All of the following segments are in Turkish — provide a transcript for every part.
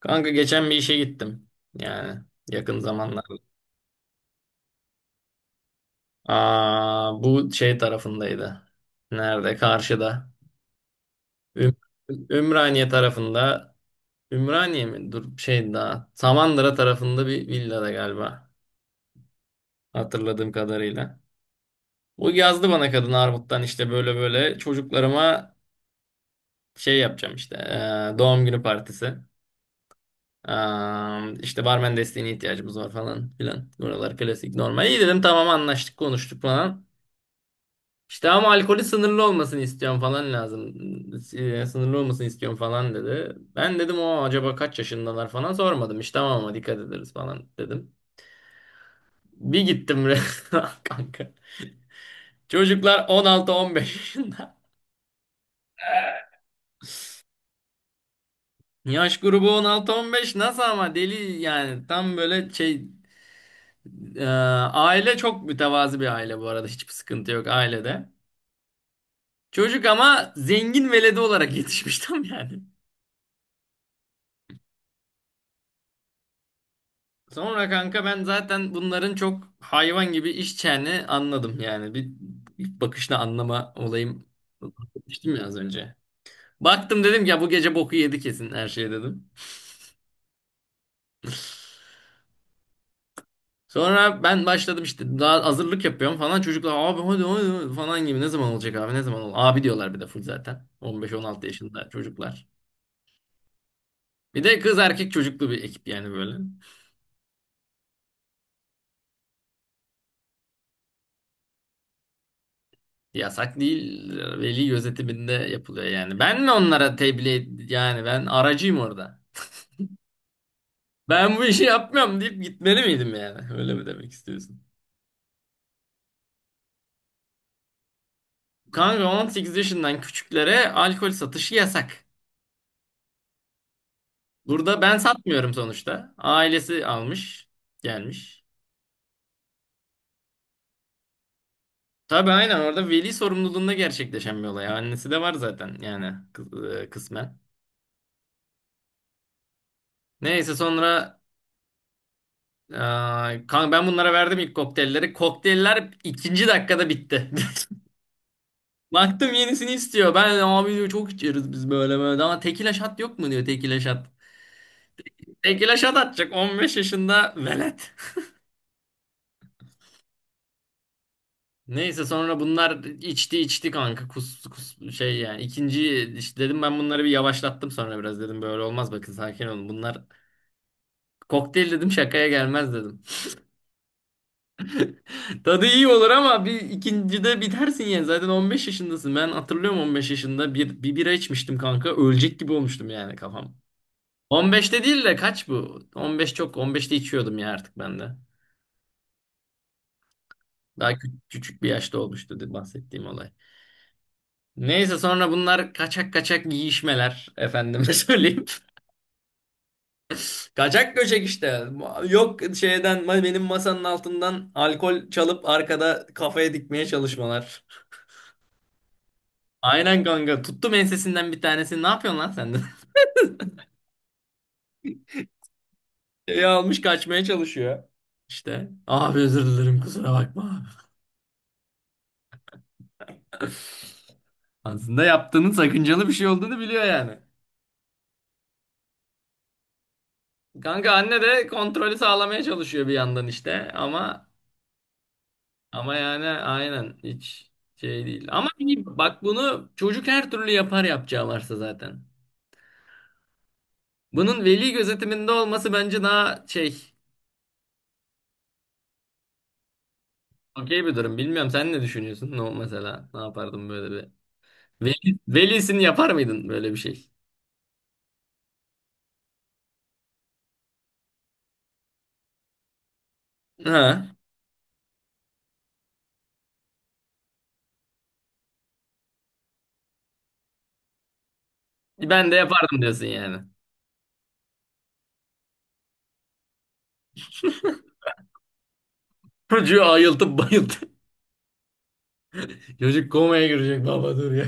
Kanka geçen bir işe gittim. Yani yakın zamanlarda. Aa, bu şey tarafındaydı. Nerede? Karşıda. Üm- Ümraniye tarafında. Ümraniye mi? Dur şey daha. Samandıra tarafında bir villada galiba. Hatırladığım kadarıyla. O yazdı bana kadın Armut'tan işte böyle böyle çocuklarıma şey yapacağım işte. Doğum günü partisi. Aa, işte barmen desteğine ihtiyacımız var falan filan. Buralar klasik normal. İyi dedim, tamam anlaştık konuştuk falan. İşte ama alkolü sınırlı olmasını istiyorum falan lazım. Sınırlı olmasını istiyorum falan dedi. Ben dedim o acaba kaç yaşındalar falan sormadım. İşte tamam ama dikkat ederiz falan dedim. Bir gittim resmen kanka. Çocuklar 16-15 yaşında. Yaş grubu 16-15 nasıl ama, deli yani, tam böyle şey, e, aile çok mütevazi bir aile bu arada, hiçbir sıkıntı yok ailede. Çocuk ama zengin veledi olarak yetişmiş tam yani. Sonra kanka ben zaten bunların çok hayvan gibi iş çeni anladım yani. Bir, bir bakışla anlama olayım demiştim ya az önce. Baktım dedim ki ya bu gece boku yedi kesin her şey dedim. Sonra ben başladım, işte daha hazırlık yapıyorum falan. Çocuklar "abi hadi hadi hadi" falan gibi, ne zaman olacak abi, ne zaman ol abi diyorlar, bir de full zaten. 15-16 yaşında çocuklar. Bir de kız erkek çocuklu bir ekip yani böyle. Yasak değil, veli gözetiminde yapılıyor yani. Ben mi onlara tebliğ, yani ben aracıyım orada. Ben bu işi yapmıyorum deyip gitmeli miydim yani? Öyle mi demek istiyorsun? Kanka 18 yaşından küçüklere alkol satışı yasak. Burada ben satmıyorum sonuçta. Ailesi almış, gelmiş. Tabii aynen, orada veli sorumluluğunda gerçekleşen bir olay. Annesi de var zaten yani, kısmen. Neyse sonra e, kanka ben bunlara verdim ilk kokteylleri. Kokteyller ikinci dakikada bitti. Baktım yenisini istiyor. Ben abi diyor, çok içeriz biz böyle böyle. Ama tekila shot yok mu diyor, tekila shot. Tekila şat atacak 15 yaşında velet. Neyse sonra bunlar içti içti kanka, kus kus şey yani, ikinci işte dedim, ben bunları bir yavaşlattım sonra biraz, dedim böyle olmaz, bakın sakin olun, bunlar kokteyl dedim, şakaya gelmez dedim. Tadı iyi olur ama bir ikincide bitersin yani, zaten 15 yaşındasın, ben hatırlıyorum 15 yaşında bir bira içmiştim kanka, ölecek gibi olmuştum yani kafam. 15'te değil de kaç bu? 15 çok, 15'te içiyordum ya artık ben de. Daha küçük bir yaşta olmuştu bahsettiğim olay. Neyse sonra bunlar kaçak kaçak giyişmeler, efendime söyleyeyim. Kaçak göçek işte. Yok şeyden, benim masanın altından alkol çalıp arkada kafaya dikmeye çalışmalar. Aynen kanka, tuttum ensesinden bir tanesini, ne yapıyorsun lan sen de? Şeyi almış kaçmaya çalışıyor. İşte abi özür dilerim, kusura bakma. Aslında yaptığının sakıncalı bir şey olduğunu biliyor yani. Kanka anne de kontrolü sağlamaya çalışıyor bir yandan işte, ama ama yani aynen hiç şey değil. Ama iyi, bak bunu çocuk her türlü yapar, yapacağı varsa zaten. Bunun veli gözetiminde olması bence daha şey, okey bir durum. Bilmiyorum, sen ne düşünüyorsun? Ne mesela, ne yapardın böyle bir? Veli, velisini yapar mıydın böyle bir şey? Ha. Ben de yapardım diyorsun yani. Çocuğu ayıltıp bayıltıp. Çocuk komaya girecek baba, dur ya.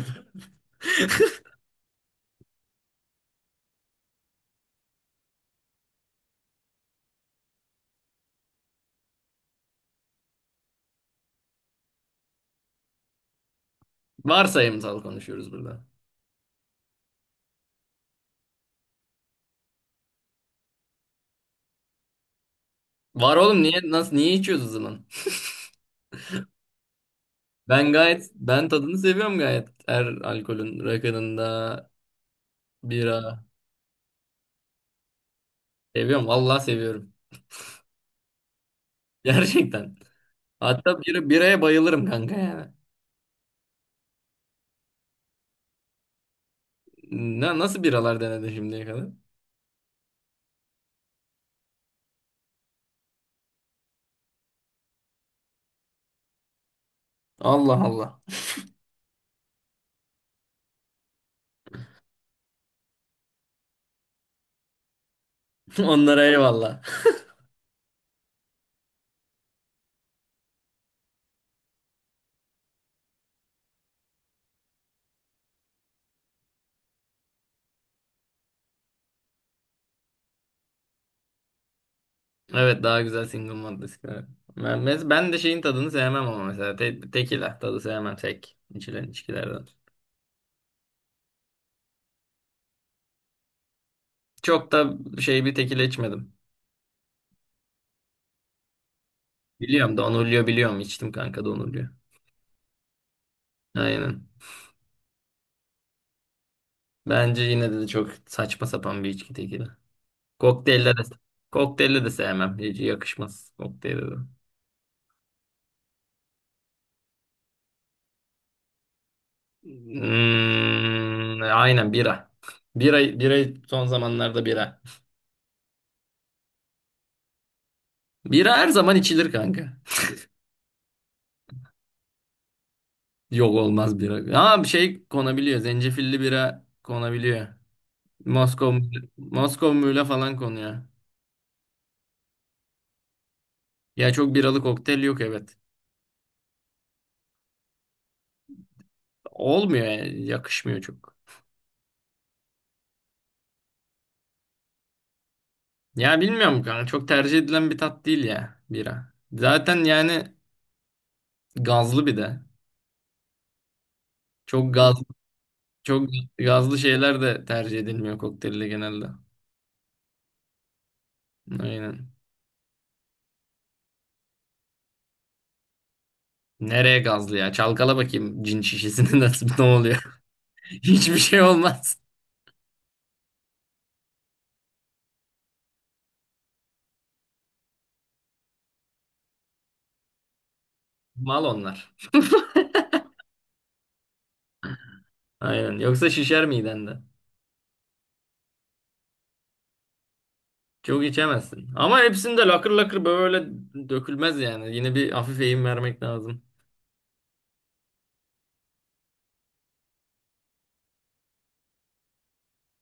Varsayımsal konuşuyoruz burada. Var oğlum, niye nasıl niye içiyoruz o zaman? Ben gayet, ben tadını seviyorum gayet. Her alkolün, rakının da bira seviyorum. Vallahi seviyorum. Gerçekten. Hatta bira, biraya bayılırım kanka yani. Ne, nasıl biralar denedin şimdiye kadar? Allah Allah. Onlara eyvallah. Evet, daha güzel single malt viskiler. Ben, ben de şeyin tadını sevmem ama mesela tekila tadı sevmem, tek içilen içkilerden. Çok da şey bir tekila içmedim. Biliyorum Don Julio, biliyorum içtim kanka Don Julio. Aynen. Bence yine de çok saçma sapan bir içki tekili. Kokteylle de, kokteylle de sevmem. Hiç yakışmaz kokteylle de. Hmm, aynen bira. Bira, bira son zamanlarda bira. Bira her zaman içilir kanka. Yok olmaz bira. Ama bir şey konabiliyor. Zencefilli bira konabiliyor. Moskova, Moskova Mule falan konuyor. Ya çok biralı kokteyl yok, evet. Olmuyor yani. Yakışmıyor çok. Ya bilmiyorum kanka, çok tercih edilen bir tat değil ya bira. Zaten yani gazlı bir de. Çok gaz, çok gazlı şeyler de tercih edilmiyor kokteylde genelde. Aynen. Nereye gazlı ya? Çalkala bakayım cin şişesini nasıl, ne oluyor? Hiçbir şey olmaz. Mal onlar. Aynen. Yoksa şişer miden de. Çok içemezsin. Ama hepsinde lakır lakır böyle dökülmez yani. Yine bir hafif eğim vermek lazım.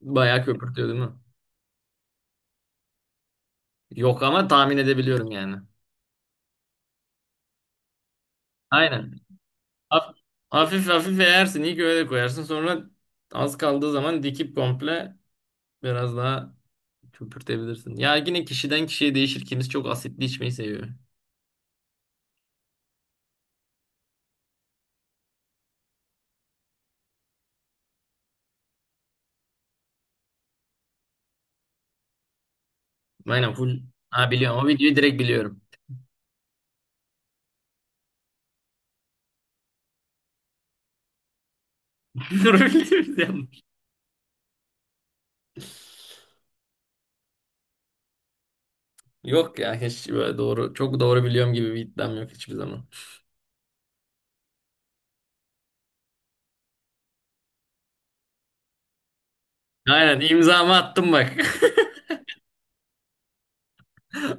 Bayağı köpürtüyor değil mi? Yok ama tahmin edebiliyorum yani. Aynen. Haf- Hafif hafif eğersin. İlk öyle koyarsın. Sonra az kaldığı zaman dikip komple, biraz daha köpürtebilirsin. Ya yine kişiden kişiye değişir. Kimisi çok asitli içmeyi seviyor. Aynen full. Ha biliyorum. O videoyu direkt biliyorum. Doğru biliyoruz ya. Yok ya, hiç böyle doğru, çok doğru biliyorum gibi bir iddiam yok hiçbir zaman. Aynen, imzamı attım bak.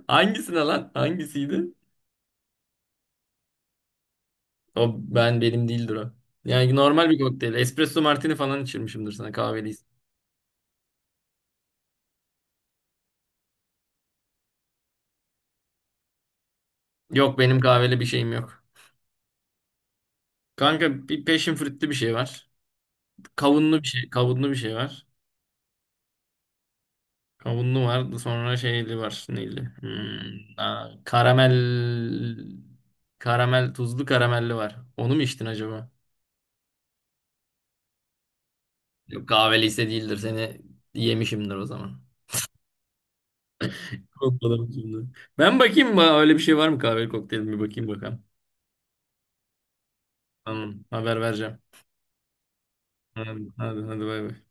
Hangisine lan? Hangisiydi? O ben, benim değildir o. Yani normal bir kokteyl. Espresso martini falan içirmişimdir sana kahveli. Yok benim kahveli bir şeyim yok. Kanka bir passion fruit'lü bir şey var. Kavunlu bir şey, kavunlu bir şey var. Kavunlu var. Sonra şeyli var. Neyli? Hmm, aa, karamel, karamel tuzlu karamelli var. Onu mu içtin acaba? Yok, kahveliyse değildir. Seni yemişimdir o zaman. Kokladım şimdi. Ben bakayım öyle bir şey var mı, kahveli kokteyl mi bakayım bakalım. Tamam, haber vereceğim. Hadi hadi, hadi bay bay.